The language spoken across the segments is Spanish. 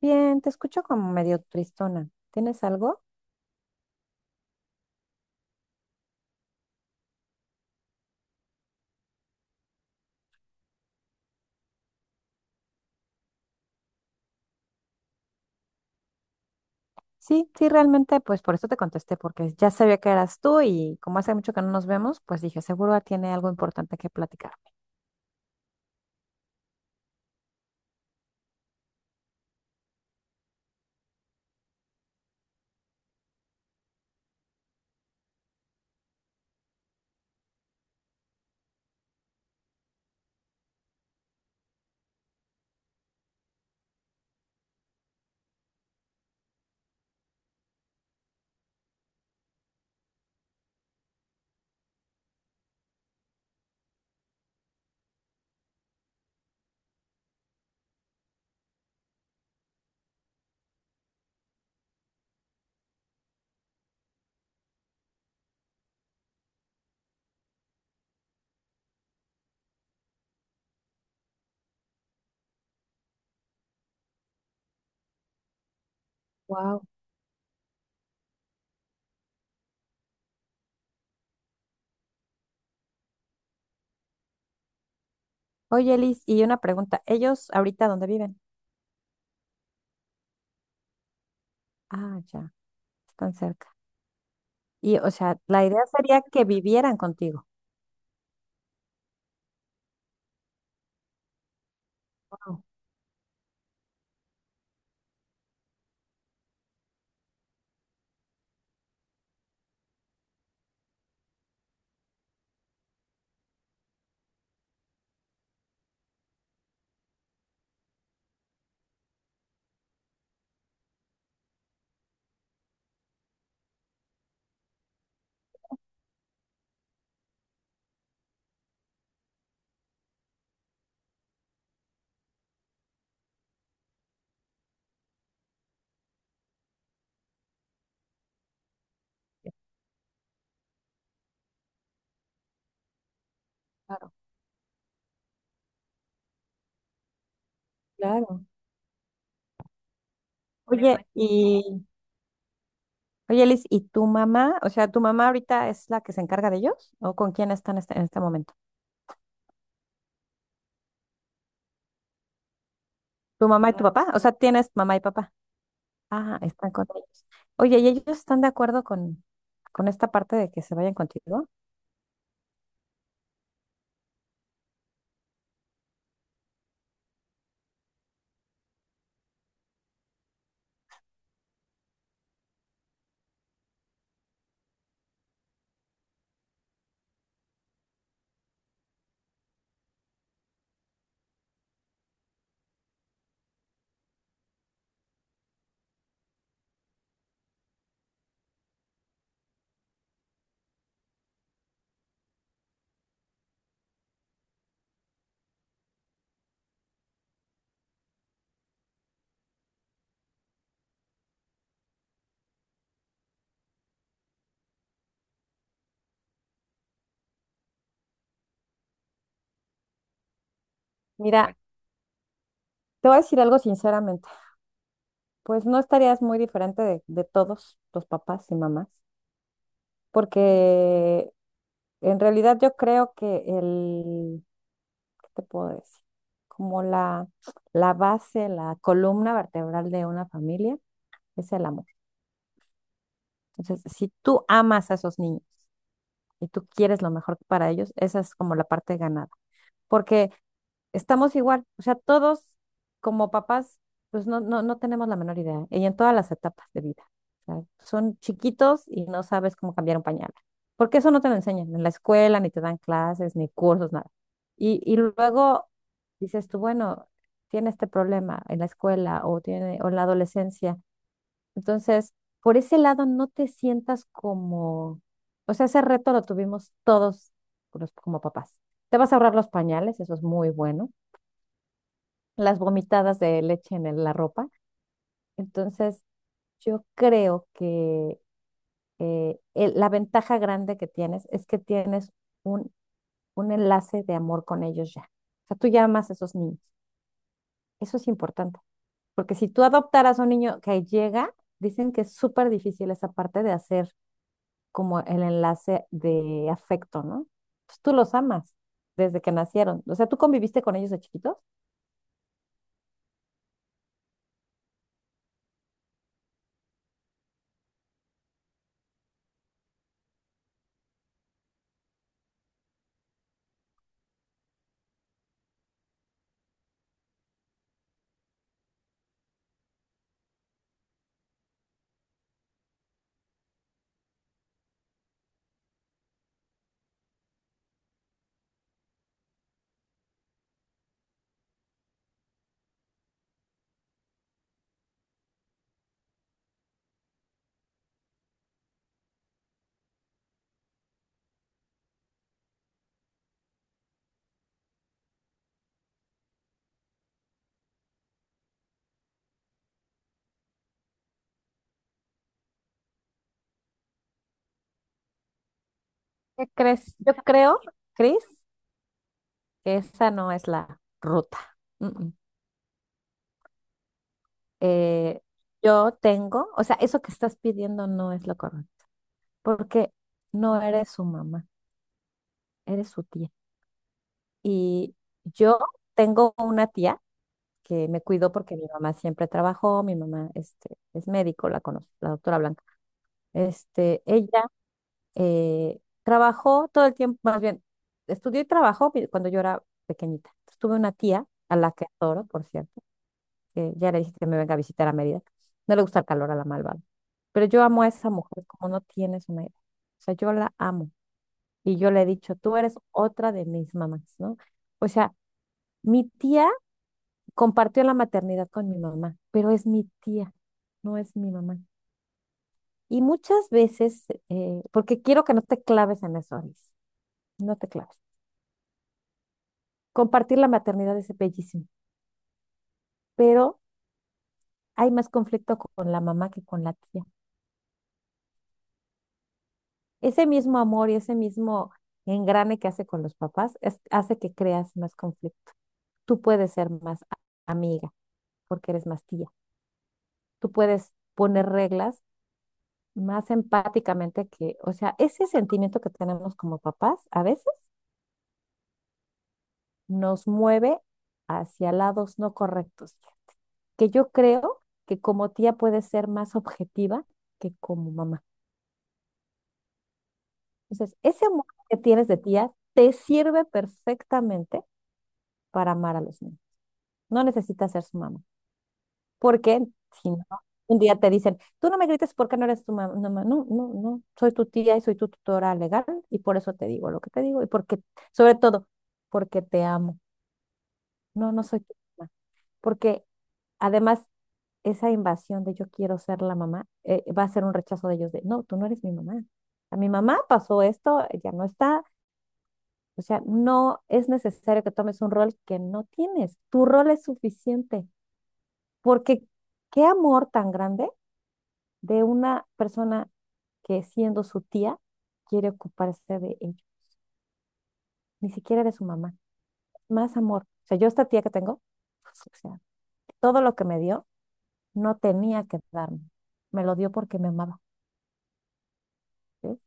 Bien, te escucho como medio tristona. ¿Tienes algo? Sí, sí, realmente, pues por eso te contesté, porque ya sabía que eras tú y como hace mucho que no nos vemos, pues dije, seguro tiene algo importante que platicar. Wow. Oye, Liz, y una pregunta, ¿ellos ahorita dónde viven? Ah, ya, están cerca. Y, o sea, la idea sería que vivieran contigo. Wow, claro, claro. Oye, y, oye, Liz, ¿y tu mamá? O sea, ¿tu mamá ahorita es la que se encarga de ellos? ¿O con quién están en este momento? ¿Tu mamá y tu papá? O sea, ¿tienes mamá y papá? Ah, están con ellos. Oye, ¿y ellos están de acuerdo con esta parte de que se vayan contigo? Mira, te voy a decir algo sinceramente, pues no estarías muy diferente de todos los papás y mamás, porque en realidad yo creo que el, ¿qué te puedo decir? Como la base, la columna vertebral de una familia es el amor. Entonces, si tú amas a esos niños y tú quieres lo mejor para ellos, esa es como la parte ganada. Porque estamos igual, o sea, todos como papás, pues no tenemos la menor idea, y en todas las etapas de vida. O sea, son chiquitos y no sabes cómo cambiar un pañal, porque eso no te lo enseñan en la escuela, ni te dan clases, ni cursos, nada. Y luego dices tú, bueno, tiene este problema en la escuela o, tiene, o en la adolescencia. Entonces, por ese lado, no te sientas como, o sea, ese reto lo tuvimos todos como papás. Te vas a ahorrar los pañales, eso es muy bueno, las vomitadas de leche en la ropa. Entonces, yo creo que la ventaja grande que tienes es que tienes un, un enlace de amor con ellos ya. O sea, tú ya amas a esos niños. Eso es importante, porque si tú adoptaras a un niño que llega, dicen que es súper difícil esa parte de hacer como el enlace de afecto, ¿no? Pues tú los amas desde que nacieron. O sea, ¿tú conviviste con ellos de chiquitos? ¿Qué crees? Yo creo, Cris, esa no es la ruta. Mm, mm. Eh, yo tengo, o sea, eso que estás pidiendo no es lo correcto, porque no eres su mamá, eres su tía. Y yo tengo una tía que me cuidó porque mi mamá siempre trabajó, mi mamá este, es médico, la conozco, la doctora Blanca. Este, ella trabajó todo el tiempo, más bien, estudió y trabajó cuando yo era pequeñita. Entonces, tuve una tía a la que adoro, por cierto que ya le dije que me venga a visitar a Mérida. No le gusta el calor a la malvada. Pero yo amo a esa mujer como no tienes una idea. O sea, yo la amo. Y yo le he dicho, tú eres otra de mis mamás, ¿no? O sea, mi tía compartió la maternidad con mi mamá, pero es mi tía, no es mi mamá. Y muchas veces, porque quiero que no te claves en eso, Alice, no te claves. Compartir la maternidad es bellísimo, pero hay más conflicto con la mamá que con la tía. Ese mismo amor y ese mismo engrane que hace con los papás hace que creas más conflicto. Tú puedes ser amiga porque eres más tía. Tú puedes poner reglas más empáticamente que, o sea, ese sentimiento que tenemos como papás a veces nos mueve hacia lados no correctos, que yo creo que como tía puedes ser más objetiva que como mamá. Entonces, ese amor que tienes de tía te sirve perfectamente para amar a los niños. No necesitas ser su mamá. Porque si no, un día te dicen, tú no me grites porque no eres tu mamá. No, no, no, no. Soy tu tía y soy tu tutora legal y por eso te digo lo que te digo y porque, sobre todo, porque te amo. No, no soy tu mamá. Porque además, esa invasión de yo quiero ser la mamá va a ser un rechazo de ellos de, no, tú no eres mi mamá. A mi mamá pasó esto, ya no está. O sea, no es necesario que tomes un rol que no tienes. Tu rol es suficiente. Porque qué amor tan grande de una persona que siendo su tía quiere ocuparse de ella. Ni siquiera de su mamá. Más amor. O sea, yo esta tía que tengo, pues, o sea, todo lo que me dio no tenía que darme. Me lo dio porque me amaba. ¿Sí?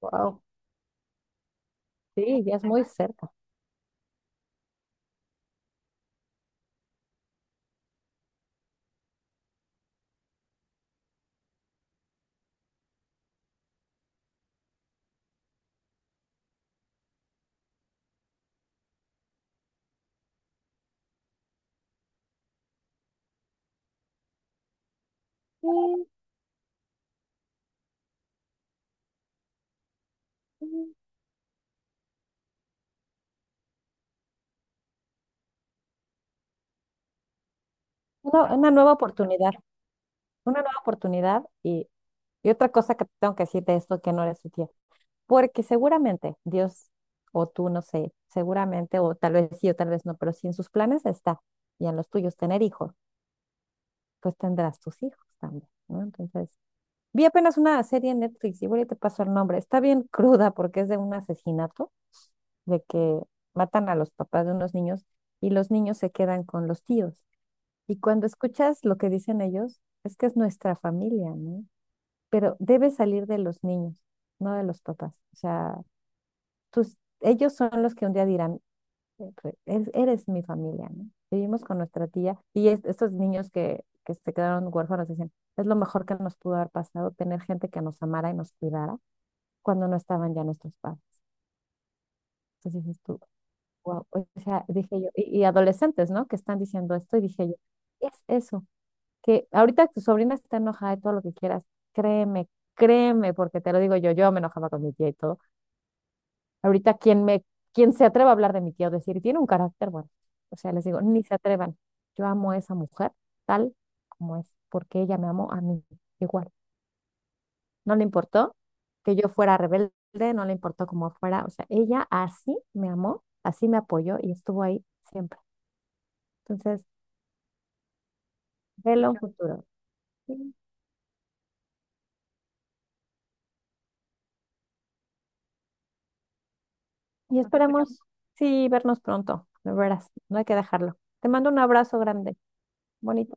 Wow. Sí, ya es muy cerca. Sí, sí. Una nueva oportunidad, una nueva oportunidad y otra cosa que tengo que decir de esto que no eres su tía. Porque seguramente Dios o tú, no sé, seguramente, o tal vez sí o tal vez no, pero si en sus planes está y en los tuyos tener hijos, pues tendrás tus hijos también, ¿no? Entonces, vi apenas una serie en Netflix y ahorita te paso el nombre. Está bien cruda porque es de un asesinato, de que matan a los papás de unos niños y los niños se quedan con los tíos. Y cuando escuchas lo que dicen ellos, es que es nuestra familia, ¿no? Pero debe salir de los niños, no de los papás. O sea, ellos son los que un día dirán, eres mi familia, ¿no? Vivimos con nuestra tía y estos niños que se quedaron huérfanos dicen, es lo mejor que nos pudo haber pasado tener gente que nos amara y nos cuidara cuando no estaban ya nuestros padres. Entonces dices tú, wow, o sea, dije yo, y adolescentes, ¿no? Que están diciendo esto y dije yo, es eso, que ahorita tu sobrina está enojada y todo lo que quieras, créeme, créeme, porque te lo digo yo, yo me enojaba con mi tía y todo. Ahorita quien me, quien se atreva a hablar de mi tía o decir, tiene un carácter, bueno, o sea, les digo, ni se atrevan. Yo amo a esa mujer tal como es, porque ella me amó a mí igual. No le importó que yo fuera rebelde, no le importó cómo fuera, o sea, ella así me amó, así me apoyó y estuvo ahí siempre. Entonces, velo un futuro. Y esperemos, sí, vernos pronto, de veras, no hay que dejarlo. Te mando un abrazo grande, bonito.